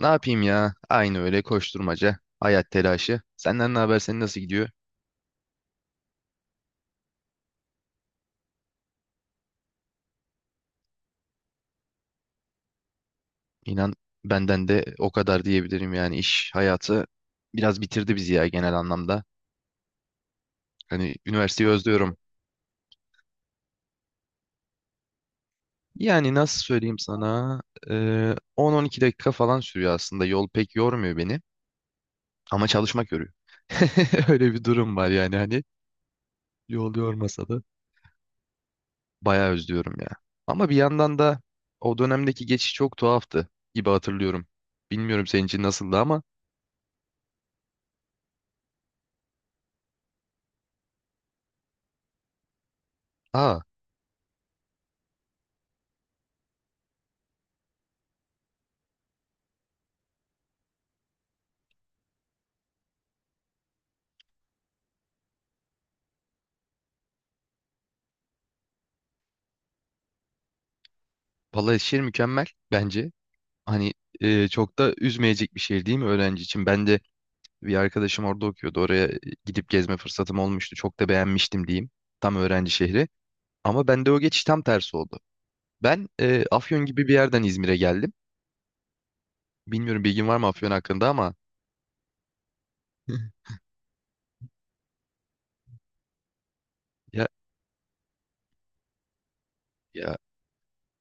Ne yapayım ya? Aynı öyle koşturmaca, hayat telaşı. Senden ne haber? Senin nasıl gidiyor? İnan benden de o kadar diyebilirim yani iş hayatı biraz bitirdi bizi ya genel anlamda. Hani üniversiteyi özlüyorum. Yani nasıl söyleyeyim sana? 10-12 dakika falan sürüyor aslında. Yol pek yormuyor beni ama çalışmak yoruyor. Öyle bir durum var yani hani yol yormasa da bayağı özlüyorum ya. Ama bir yandan da o dönemdeki geçiş çok tuhaftı gibi hatırlıyorum. Bilmiyorum senin için nasıldı ama. Aa, Balıkesir mükemmel bence. Hani çok da üzmeyecek bir şehir değil mi öğrenci için? Ben de bir arkadaşım orada okuyordu. Oraya gidip gezme fırsatım olmuştu. Çok da beğenmiştim diyeyim. Tam öğrenci şehri. Ama bende o geçiş tam tersi oldu. Ben Afyon gibi bir yerden İzmir'e geldim. Bilmiyorum bilgin var mı Afyon hakkında ama. ya, ya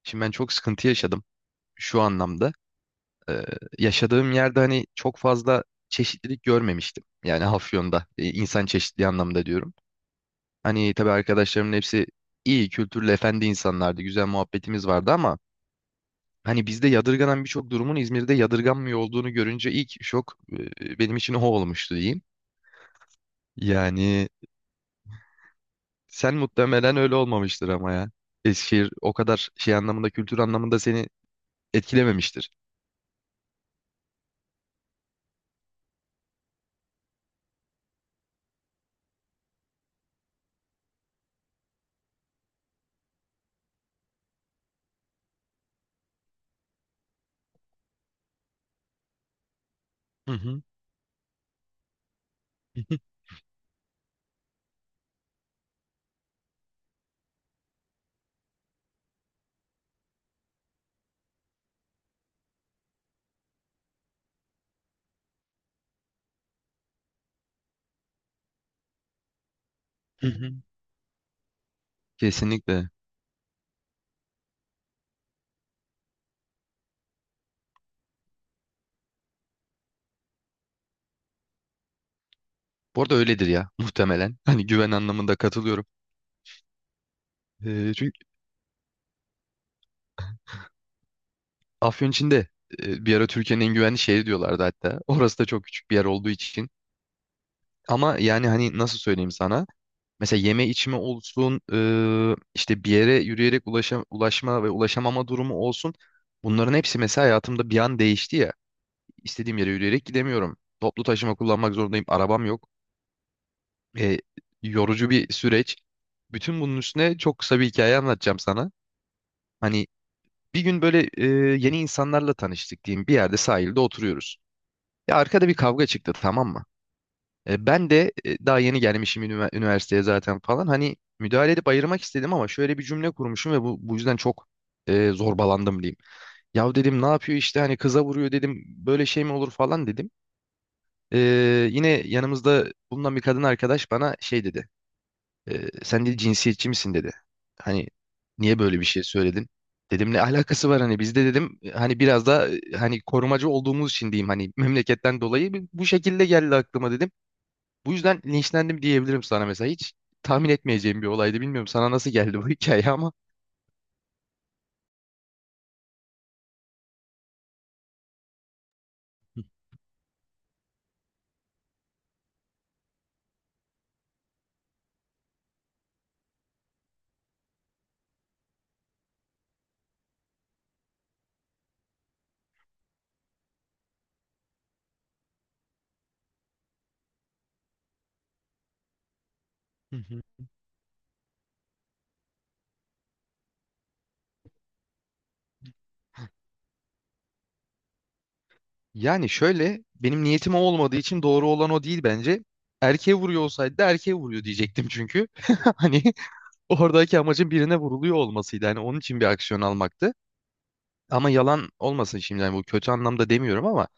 şimdi ben çok sıkıntı yaşadım şu anlamda. Ee, yaşadığım yerde hani çok fazla çeşitlilik görmemiştim. Yani Afyon'da insan çeşitliği anlamda diyorum. Hani tabii arkadaşlarımın hepsi iyi, kültürlü, efendi insanlardı. Güzel muhabbetimiz vardı ama hani bizde yadırganan birçok durumun İzmir'de yadırganmıyor olduğunu görünce ilk şok benim için o olmuştu diyeyim. Yani sen muhtemelen öyle olmamıştır ama ya. Eskişehir o kadar şey anlamında, kültür anlamında seni etkilememiştir. Hı hı. Hı hı. Kesinlikle. Bu arada öyledir ya muhtemelen. Hani güven anlamında katılıyorum. Çünkü Afyon içinde bir ara Türkiye'nin en güvenli şehri diyorlardı hatta. Orası da çok küçük bir yer olduğu için. Ama yani hani nasıl söyleyeyim sana? Mesela yeme içme olsun, işte bir yere yürüyerek ulaşma ve ulaşamama durumu olsun. Bunların hepsi mesela hayatımda bir an değişti ya. İstediğim yere yürüyerek gidemiyorum. Toplu taşıma kullanmak zorundayım. Arabam yok. E, yorucu bir süreç. Bütün bunun üstüne çok kısa bir hikaye anlatacağım sana. Hani bir gün böyle yeni insanlarla tanıştık diyeyim. Bir yerde sahilde oturuyoruz. Ya arkada bir kavga çıktı, tamam mı? Ben de daha yeni gelmişim üniversiteye zaten falan. Hani müdahale edip ayırmak istedim ama şöyle bir cümle kurmuşum ve bu yüzden çok zorbalandım diyeyim. Ya dedim ne yapıyor işte hani kıza vuruyor dedim, böyle şey mi olur falan dedim. E, yine yanımızda bulunan bir kadın arkadaş bana şey dedi. Sen dedi cinsiyetçi misin dedi. Hani niye böyle bir şey söyledin? Dedim ne alakası var hani, bizde dedim hani biraz da hani korumacı olduğumuz için diyeyim, hani memleketten dolayı bu şekilde geldi aklıma dedim. Bu yüzden linçlendim diyebilirim sana mesela. Hiç tahmin etmeyeceğim bir olaydı. Bilmiyorum sana nasıl geldi bu hikaye ama. Hı hı. Yani şöyle, benim niyetim o olmadığı için doğru olan o değil bence. Erkeğe vuruyor olsaydı da erkeğe vuruyor diyecektim çünkü. Hani oradaki amacın birine vuruluyor olmasıydı. Hani onun için bir aksiyon almaktı. Ama yalan olmasın şimdi, yani bu kötü anlamda demiyorum ama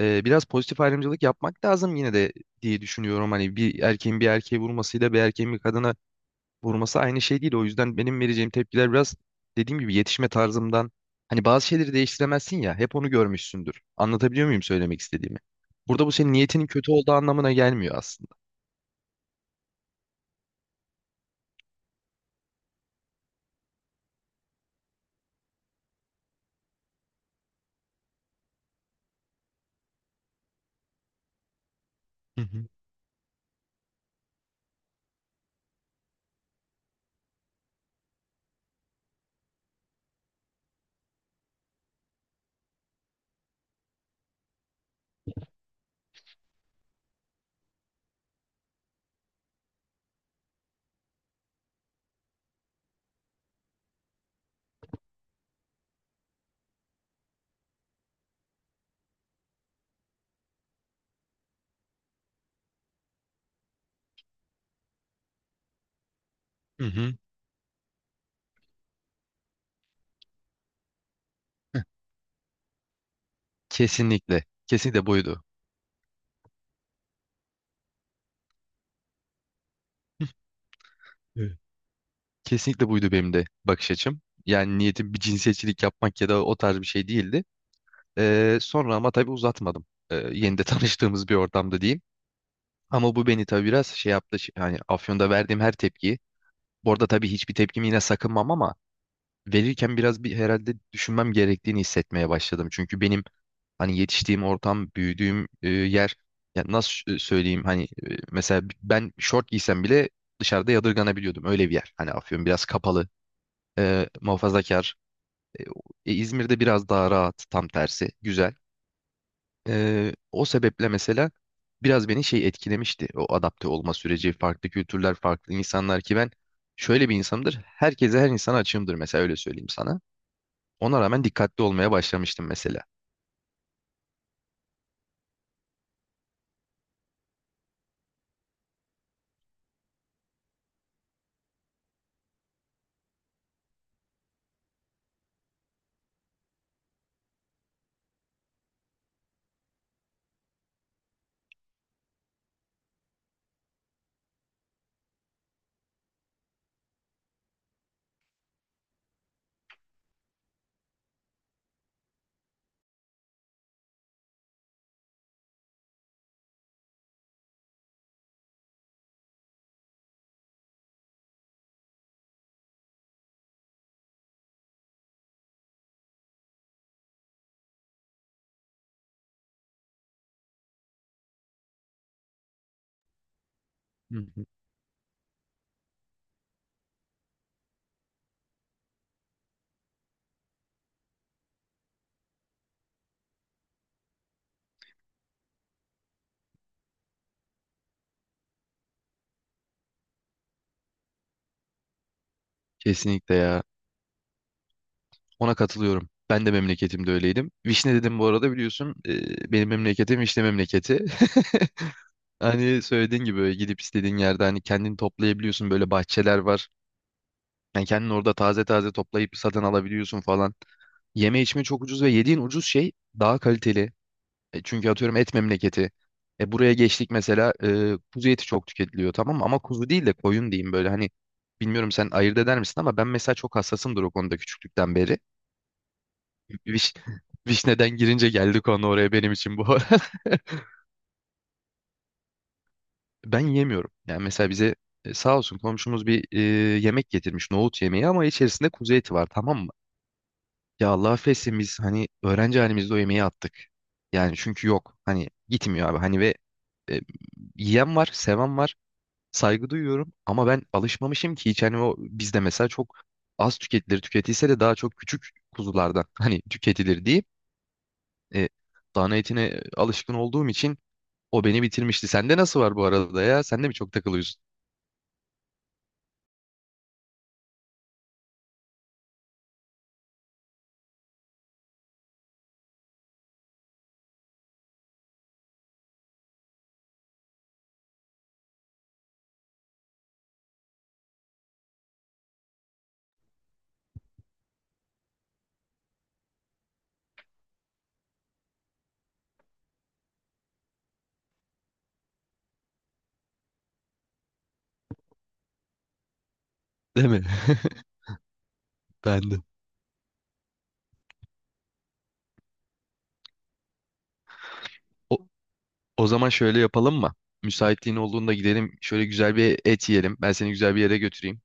biraz pozitif ayrımcılık yapmak lazım yine de diye düşünüyorum. Hani bir erkeğin bir erkeğe vurmasıyla bir erkeğin bir kadına vurması aynı şey değil. O yüzden benim vereceğim tepkiler biraz dediğim gibi yetişme tarzımdan. Hani bazı şeyleri değiştiremezsin ya. Hep onu görmüşsündür. Anlatabiliyor muyum söylemek istediğimi? Burada bu senin niyetinin kötü olduğu anlamına gelmiyor aslında. Hı hı. Hı hı. Kesinlikle. Kesinlikle buydu. Evet. Kesinlikle buydu benim de bakış açım. Yani niyetim bir cinsiyetçilik yapmak ya da o tarz bir şey değildi. Sonra ama tabii uzatmadım. Yeni de tanıştığımız bir ortamda diyeyim. Ama bu beni tabii biraz şey yaptı. Yani Afyon'da verdiğim her tepkiyi. Bu arada tabii hiçbir tepkimi yine sakınmam ama verirken biraz bir herhalde düşünmem gerektiğini hissetmeye başladım. Çünkü benim hani yetiştiğim ortam, büyüdüğüm yer, ya nasıl söyleyeyim hani, mesela ben şort giysem bile dışarıda yadırganabiliyordum. Öyle bir yer. Hani Afyon biraz kapalı, muhafazakar. İzmir'de biraz daha rahat, tam tersi. Güzel. O sebeple mesela biraz beni şey etkilemişti. O adapte olma süreci, farklı kültürler, farklı insanlar ki ben şöyle bir insanımdır. Herkese, her insana açığımdır mesela, öyle söyleyeyim sana. Ona rağmen dikkatli olmaya başlamıştım mesela. Hı hı. Kesinlikle ya. Ona katılıyorum. Ben de memleketimde öyleydim. Vişne dedim bu arada, biliyorsun. Benim memleketim Vişne memleketi. Hani söylediğin gibi böyle gidip istediğin yerde hani kendini toplayabiliyorsun, böyle bahçeler var. Yani kendin orada taze taze toplayıp satın alabiliyorsun falan. Yeme içme çok ucuz ve yediğin ucuz şey daha kaliteli. Çünkü atıyorum et memleketi. Buraya geçtik mesela, kuzu eti çok tüketiliyor tamam mı? Ama kuzu değil de koyun diyeyim, böyle hani bilmiyorum sen ayırt eder misin ama ben mesela çok hassasımdır o konuda küçüklükten beri. Viş, Vişneden girince geldi konu oraya, benim için bu. Ben yemiyorum. Yani mesela bize sağ olsun komşumuz bir yemek getirmiş, nohut yemeği ama içerisinde kuzu eti var tamam mı? Ya Allah affetsin biz hani öğrenci halimizde o yemeği attık. Yani çünkü yok, hani gitmiyor abi hani, ve e, yiyen var, seven var, saygı duyuyorum ama ben alışmamışım ki hiç hani, o bizde mesela çok az tüketilir, tüketilse de daha çok küçük kuzulardan hani tüketilir diyeyim. E, dana etine alışkın olduğum için o beni bitirmişti. Sende nasıl var bu arada ya? Sen de mi çok takılıyorsun? Değil mi? Bendim. O, o zaman şöyle yapalım mı? Müsaitliğin olduğunda gidelim. Şöyle güzel bir et yiyelim. Ben seni güzel bir yere götüreyim.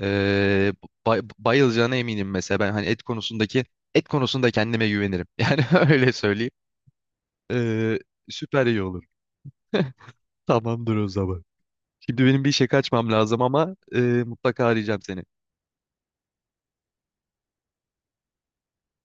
Ee, bayılacağına eminim mesela. Ben hani et konusunda kendime güvenirim. Yani öyle söyleyeyim. Ee, süper iyi olur. Tamamdır o zaman. Şimdi benim bir işe kaçmam lazım ama mutlaka arayacağım seni.